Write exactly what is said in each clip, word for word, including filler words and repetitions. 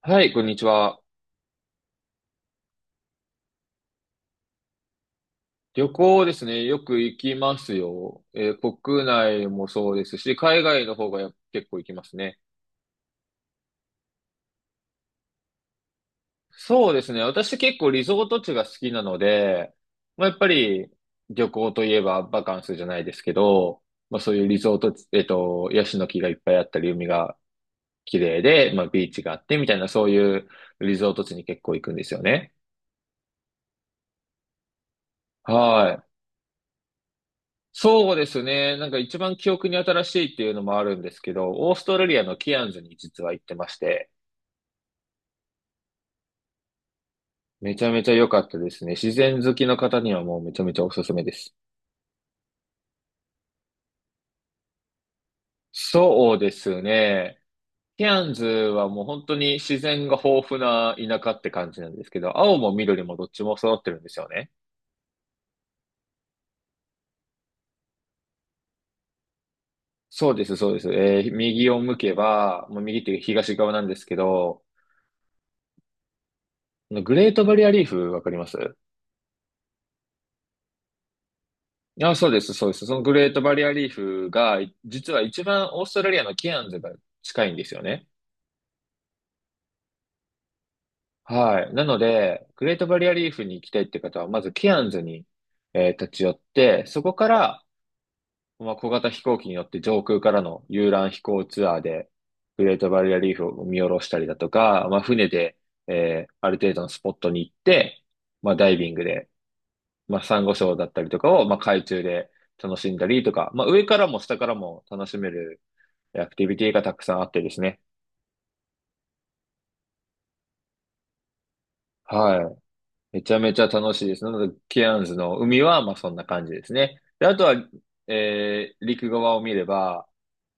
はい、こんにちは。旅行ですね。よく行きますよ。えー国内もそうですし、海外の方がや結構行きますね。そうですね。私結構リゾート地が好きなので、まあ、やっぱり旅行といえばバカンスじゃないですけど、まあ、そういうリゾート地、えっと、ヤシの木がいっぱいあったり、海が綺麗で、まあ、ビーチがあってみたいな、そういうリゾート地に結構行くんですよね。はい。そうですね。なんか一番記憶に新しいっていうのもあるんですけど、オーストラリアのキアンズに実は行ってまして、めちゃめちゃ良かったですね。自然好きの方にはもうめちゃめちゃおすすめです。そうですね。キアンズはもう本当に自然が豊富な田舎って感じなんですけど、青も緑もどっちも揃ってるんですよね。そうです、そうです。えー右を向けば、もう右っていう東側なんですけど、あのグレートバリアリーフわかります？あ、そうです、そうです。そのグレートバリアリーフが、実は一番オーストラリアのケアンズが近いんですよね。はい。なので、グレートバリアリーフに行きたいって方は、まずケアンズに、えー立ち寄って、そこから、まあ、小型飛行機に乗って上空からの遊覧飛行ツアーで、グレートバリアリーフを見下ろしたりだとか、まあ、船で、えーある程度のスポットに行って、まあ、ダイビングで、まあ、サンゴ礁だったりとかを、まあ、海中で楽しんだりとか、まあ、上からも下からも楽しめるアクティビティがたくさんあってですね。はい。めちゃめちゃ楽しいです。なので、ケアンズの海は、まあそんな感じですね。で、あとは、えー、陸側を見れば、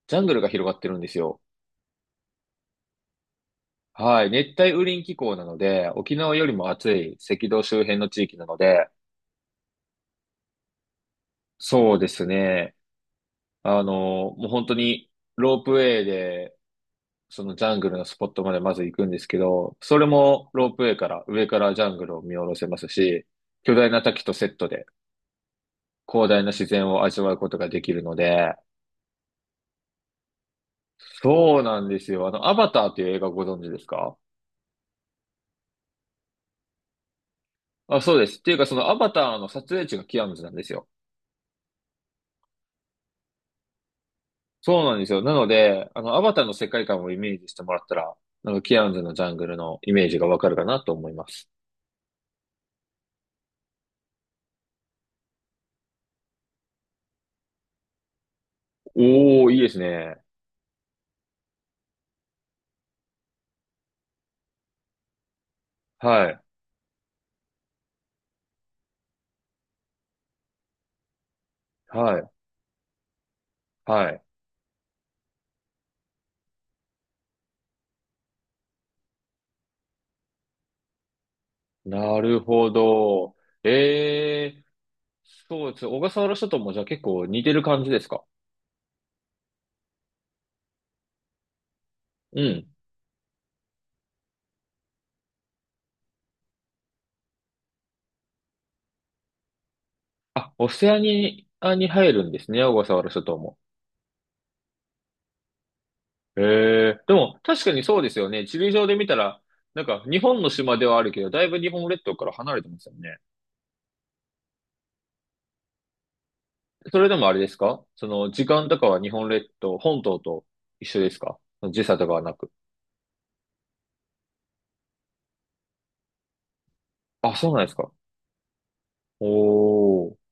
ジャングルが広がってるんですよ。はい。熱帯雨林気候なので、沖縄よりも暑い赤道周辺の地域なので、そうですね。あの、もう本当にロープウェイで、そのジャングルのスポットまでまず行くんですけど、それもロープウェイから、上からジャングルを見下ろせますし、巨大な滝とセットで、広大な自然を味わうことができるので、そうなんですよ。あの、アバターっていう映画ご存知ですか？あ、そうです。っていうか、そのアバターの撮影地がキアヌズなんですよ。そうなんですよ。なので、あの、アバターの世界観をイメージしてもらったら、なんかキアヌズのジャングルのイメージがわかるかなと思います。おー、いいですね。はい、はい、はい。なるほど。えー、そうです。小笠原諸島もじゃあ結構似てる感じですか？うん。あ、オセアニアに入るんですね、小笠原諸島も。へえ。でも、確かにそうですよね。地理上で見たら、なんか、日本の島ではあるけど、だいぶ日本列島から離れてますよね。それでもあれですか？その、時間とかは日本列島、本島と一緒ですか？時差とかはなく。あ、そうなんですか。おー。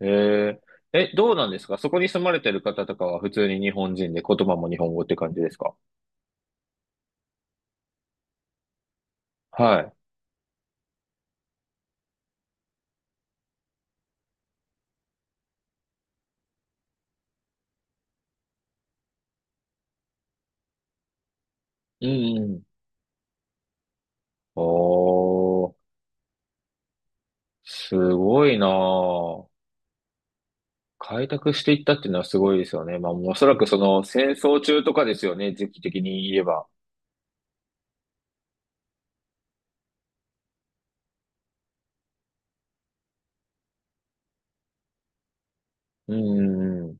へえ。え、どうなんですか？そこに住まれてる方とかは普通に日本人で言葉も日本語って感じですか？はい。うんうん。おー。すごいなぁ。開拓していったっていうのはすごいですよね。まあ、おそらくその戦争中とかですよね、時期的に言えば。うんうんうん。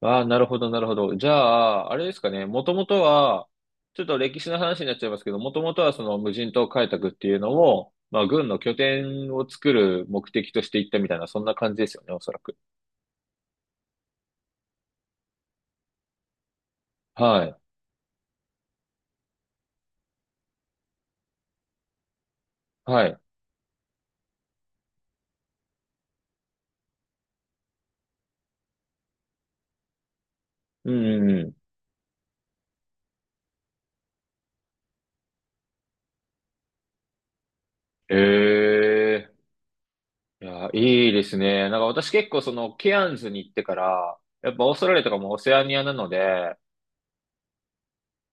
ああ、なるほど、なるほど。じゃあ、あれですかね、もともとは、ちょっと歴史の話になっちゃいますけど、もともとはその無人島開拓っていうのを、まあ、軍の拠点を作る目的としていったみたいな、そんな感じですよね、おそらく。はい。はい。うんうんうん。ええ、いや、いいですね。なんか私結構そのケアンズに行ってから、やっぱオーストラリアとかもオセアニアなので、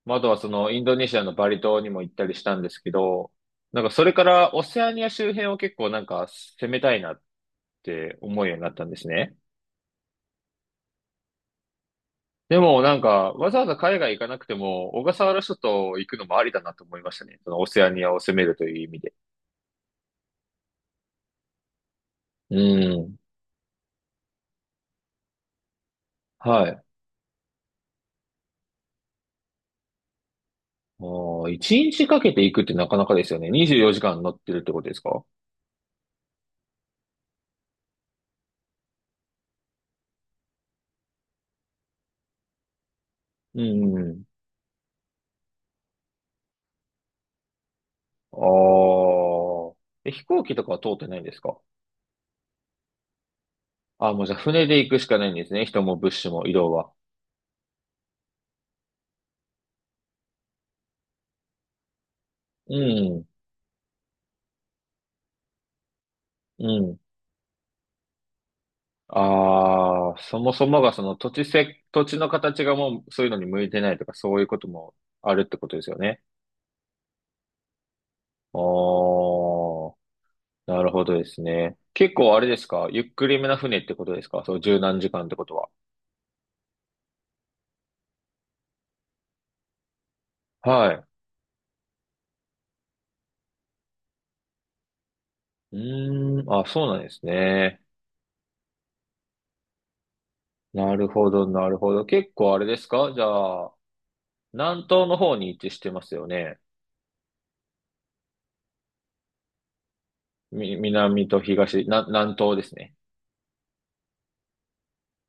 まあ、あとはそのインドネシアのバリ島にも行ったりしたんですけど、なんかそれからオセアニア周辺を結構なんか攻めたいなって思うようになったんですね。でもなんかわざわざ海外行かなくても小笠原諸島行くのもありだなと思いましたね。そのオセアニアを攻めるという意味で。うん。はい。ああ、一日かけて行くってなかなかですよね。にじゅうよじかん乗ってるってことですか？うんうん。ああ。え、飛行機とかは通ってないんですか？ああ、もうじゃあ船で行くしかないんですね。人も物資も移動は。うん、うん。ああ、そもそもがその土地せ、土地の形がもうそういうのに向いてないとかそういうこともあるってことですよね。おあ、なるほどですね。結構あれですか？ゆっくりめな船ってことですか？そう、十何時間ってことは。はい。うーん、あ、そうなんですね。なるほど、なるほど。結構あれですか？じゃあ、南東の方に位置してますよね。み、南と東、な、南東ですね。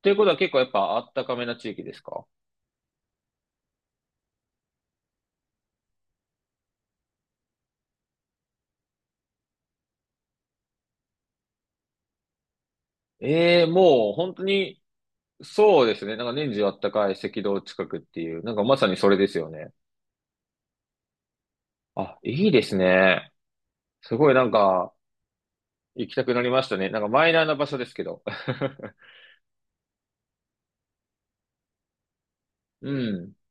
ということは結構やっぱあったかめな地域ですか？ええ、もう本当に、そうですね。なんか年中あったかい赤道近くっていう、なんかまさにそれですよね。あ、いいですね。すごいなんか、行きたくなりましたね。なんかマイナーな場所ですけど。うん。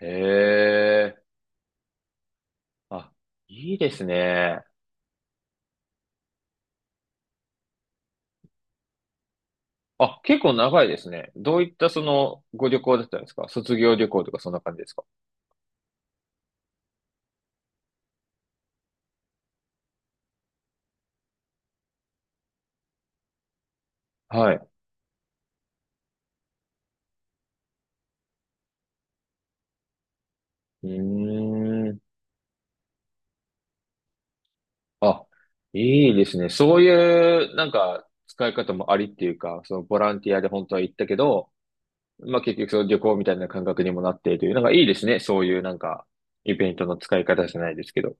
へえ。あ、いいですね。あ、結構長いですね。どういったそのご旅行だったんですか？卒業旅行とかそんな感じですか？はい。うーん。あ、いいですね。そういう、なんか、使い方もありっていうか、そのボランティアで本当は行ったけど、まあ結局その旅行みたいな感覚にもなっているという、なんかいいですね。そういうなんか、イベントの使い方じゃないですけど。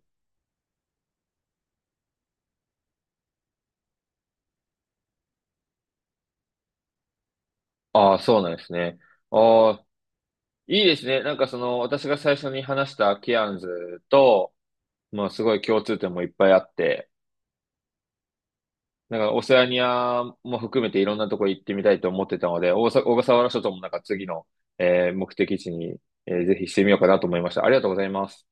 ああ、そうなんですね。ああ、いいですね。なんかその、私が最初に話したケアンズと、まあすごい共通点もいっぱいあって、なんか、オセアニアも含めていろんなとこ行ってみたいと思ってたので、大さ小笠原諸島もなんか次の、えー目的地に、えーぜひしてみようかなと思いました。ありがとうございます。